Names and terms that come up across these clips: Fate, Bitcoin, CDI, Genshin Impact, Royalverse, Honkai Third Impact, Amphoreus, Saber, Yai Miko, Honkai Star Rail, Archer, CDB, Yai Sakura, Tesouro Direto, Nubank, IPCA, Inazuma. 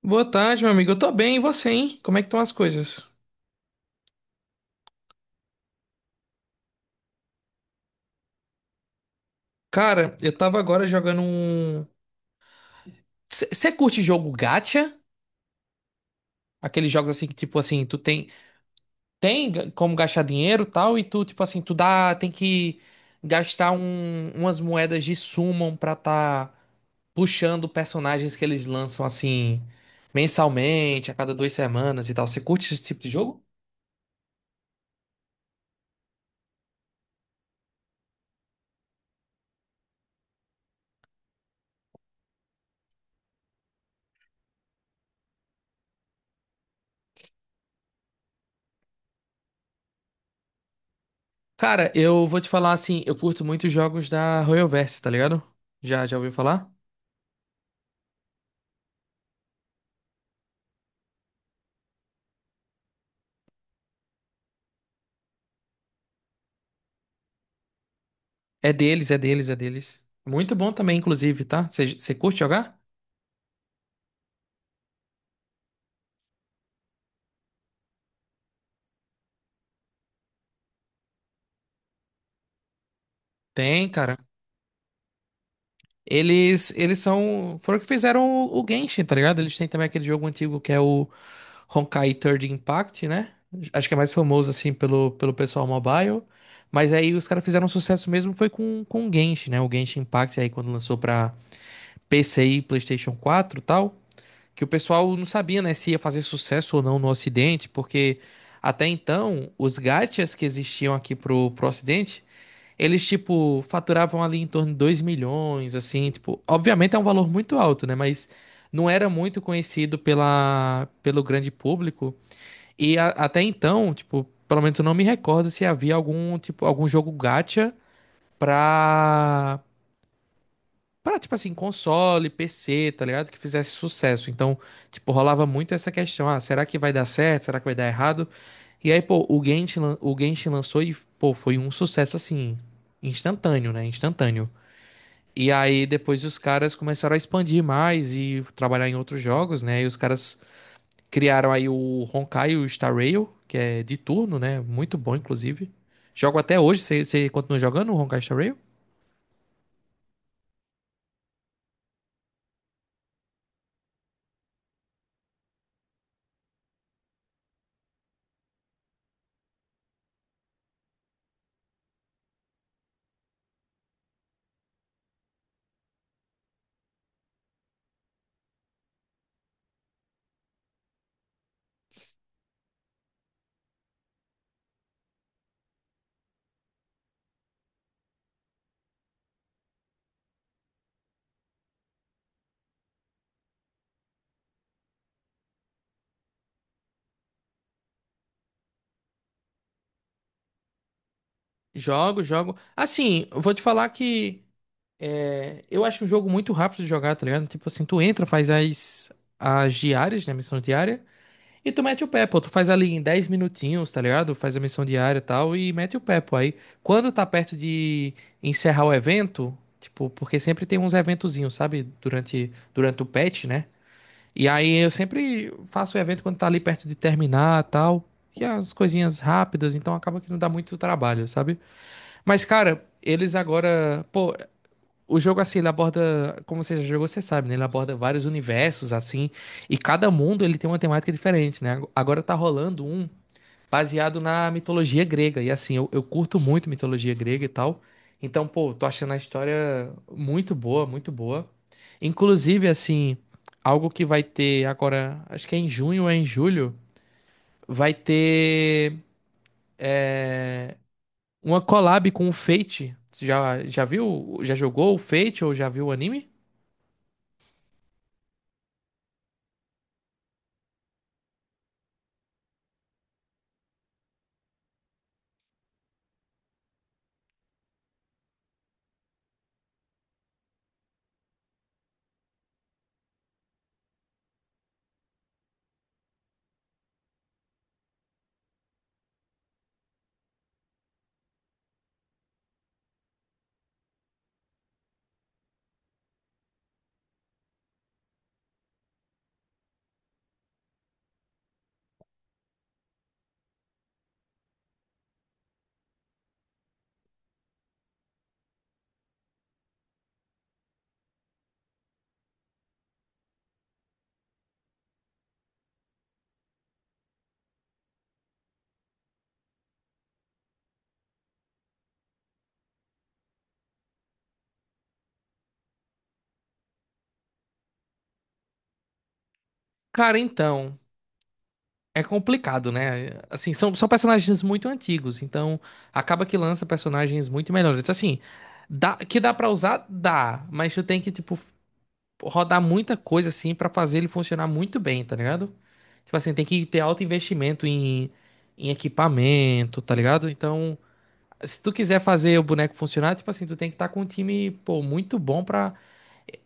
Boa tarde, meu amigo. Eu tô bem, e você, hein? Como é que estão as coisas? Cara, eu tava agora jogando um. Você curte jogo gacha? Aqueles jogos assim que, tipo assim, tu tem como gastar dinheiro e tal, e tu, tipo assim, tu dá, tem que gastar umas moedas de summon pra tá puxando personagens que eles lançam assim mensalmente, a cada 2 semanas e tal. Você curte esse tipo de jogo? Cara, eu vou te falar assim, eu curto muito jogos da Royalverse, tá ligado? Já ouviu falar? É deles, é deles, é deles. Muito bom também, inclusive, tá? Você curte jogar? Tem, cara. Eles são. Foram que fizeram o Genshin, tá ligado? Eles têm também aquele jogo antigo que é o Honkai Third Impact, né? Acho que é mais famoso, assim, pelo, pelo pessoal mobile. Mas aí os caras fizeram um sucesso mesmo foi com o Genshin, né? O Genshin Impact aí quando lançou pra PC e PlayStation 4, e tal. Que o pessoal não sabia, né, se ia fazer sucesso ou não no Ocidente, porque até então os gachas que existiam aqui pro, pro Ocidente, eles tipo faturavam ali em torno de 2 milhões, assim, tipo, obviamente é um valor muito alto, né, mas não era muito conhecido pela, pelo grande público e até então, tipo, pelo menos eu não me recordo se havia algum tipo algum jogo gacha para pra, tipo assim, console, PC, tá ligado? Que fizesse sucesso. Então, tipo, rolava muito essa questão. Ah, será que vai dar certo? Será que vai dar errado? E aí, pô, o Genshin, o Genshin lançou e, pô, foi um sucesso, assim, instantâneo, né? Instantâneo. E aí, depois os caras começaram a expandir mais e trabalhar em outros jogos, né? E os caras criaram aí o Honkai, o Star Rail, que é de turno, né? Muito bom, inclusive. Jogo até hoje. Você continua jogando o Honkai Star Rail? Jogo, jogo. Assim, eu vou te falar que... É, eu acho um jogo muito rápido de jogar, tá ligado? Tipo assim, tu entra, faz as diárias, né? Missão diária. E tu mete o pé, pô. Tu faz ali em 10 minutinhos, tá ligado? Faz a missão diária e tal. E mete o pé, pô. Aí, quando tá perto de encerrar o evento, tipo, porque sempre tem uns eventozinhos, sabe? Durante o patch, né? E aí eu sempre faço o evento quando tá ali perto de terminar e tal. Que é as coisinhas rápidas, então acaba que não dá muito trabalho, sabe? Mas, cara, eles agora. Pô, o jogo, assim, ele aborda, como você já jogou, você sabe, né? Ele aborda vários universos, assim, e cada mundo ele tem uma temática diferente, né? Agora tá rolando um baseado na mitologia grega, e assim, eu curto muito mitologia grega e tal. Então, pô, tô achando a história muito boa, muito boa. Inclusive, assim, algo que vai ter agora, acho que é em junho ou é em julho, vai ter é, uma collab com o Fate. Já viu? Já jogou o Fate ou já viu o anime? Cara, então, é complicado, né? Assim, são, são personagens muito antigos, então acaba que lança personagens muito melhores. Assim, dá, que dá pra usar, dá, mas tu tem que, tipo, rodar muita coisa, assim, pra fazer ele funcionar muito bem, tá ligado? Tipo assim, tem que ter alto investimento em equipamento, tá ligado? Então, se tu quiser fazer o boneco funcionar, tipo assim, tu tem que estar com um time, pô, muito bom pra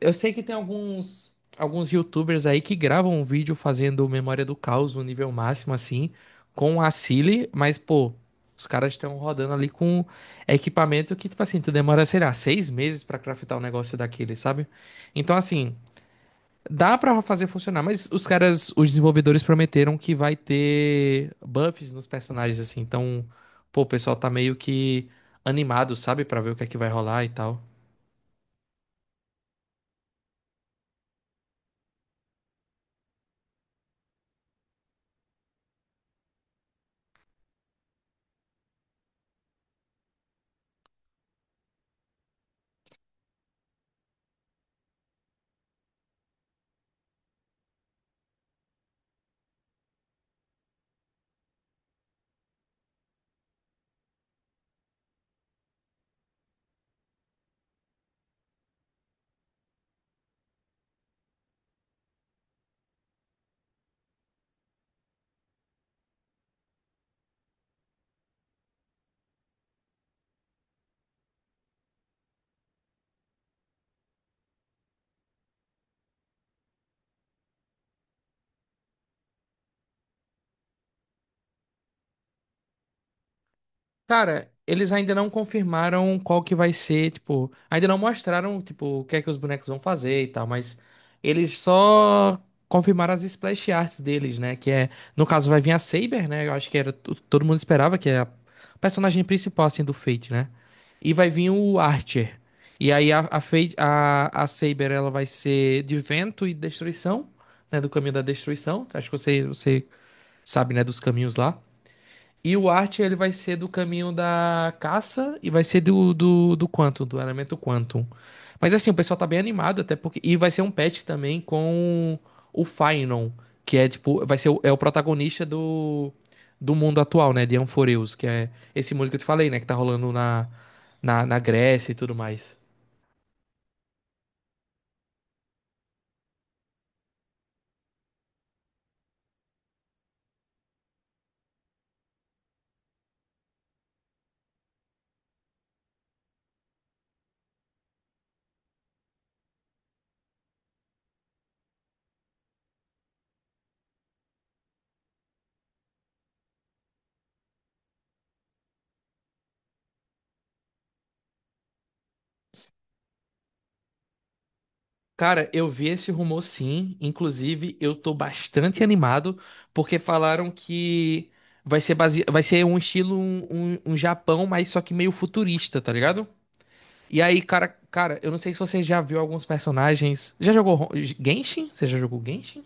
eu sei que tem alguns YouTubers aí que gravam um vídeo fazendo Memória do Caos no nível máximo, assim, com a Silly, mas, pô, os caras estão rodando ali com equipamento que, tipo assim, tu demora, sei lá, 6 meses pra craftar um negócio daquele, sabe? Então, assim, dá pra fazer funcionar, mas os caras, os desenvolvedores prometeram que vai ter buffs nos personagens, assim, então, pô, o pessoal tá meio que animado, sabe, pra ver o que é que vai rolar e tal. Cara, eles ainda não confirmaram qual que vai ser, tipo, ainda não mostraram, tipo, o que é que os bonecos vão fazer e tal, mas eles só confirmaram as splash arts deles, né? Que é, no caso, vai vir a Saber, né? Eu acho que era, todo mundo esperava que é a personagem principal, assim, do Fate, né? E vai vir o Archer. E aí a Fate, a Saber, ela vai ser de vento e destruição, né? Do caminho da destruição. Acho que você, você sabe, né? Dos caminhos lá. E o Art, ele vai ser do caminho da caça e vai ser do, do Quantum, do elemento Quantum. Mas assim, o pessoal tá bem animado, até porque. E vai ser um patch também com o Fainon, que é tipo. Vai ser o, é o protagonista do, do mundo atual, né? De Amphoreus, que é esse mundo que eu te falei, né? Que tá rolando na, na Grécia e tudo mais. Cara, eu vi esse rumor sim. Inclusive, eu tô bastante animado porque falaram que vai ser base... vai ser um estilo um, um Japão, mas só que meio futurista, tá ligado? E aí, cara, cara, eu não sei se você já viu alguns personagens. Já jogou Genshin? Você já jogou Genshin?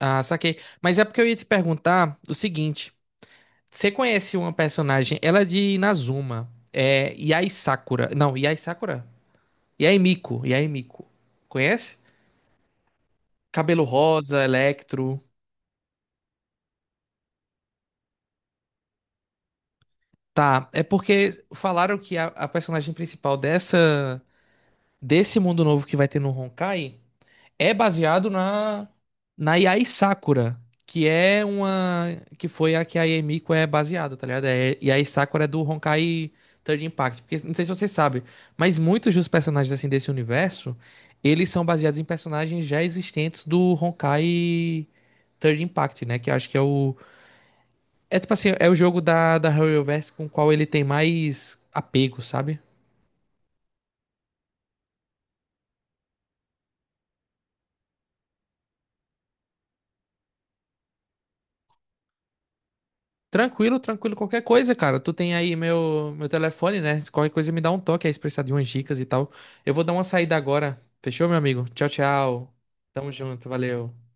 Ah, saquei. Mas é porque eu ia te perguntar o seguinte: você conhece uma personagem? Ela é de Inazuma. É Yai Sakura. Não, Yai Sakura? Yai Miko. Yai Miko. Conhece? Cabelo rosa, Electro. Tá, é porque falaram que a personagem principal dessa desse mundo novo que vai ter no Honkai é baseado na na Yai Sakura, que é uma que foi a que a Yemiko é baseada, tá ligado? É, Yai Sakura é do Honkai Third Impact, porque não sei se você sabe, mas muitos dos personagens assim desse universo, eles são baseados em personagens já existentes do Honkai Third Impact, né? Que eu acho que é o é tipo assim, é o jogo da, da Harryverse com o qual ele tem mais apego, sabe? Tranquilo, tranquilo, qualquer coisa, cara. Tu tem aí meu telefone, né? Se qualquer coisa me dá um toque aí, se precisar de umas dicas e tal. Eu vou dar uma saída agora. Fechou, meu amigo? Tchau, tchau. Tamo junto, valeu.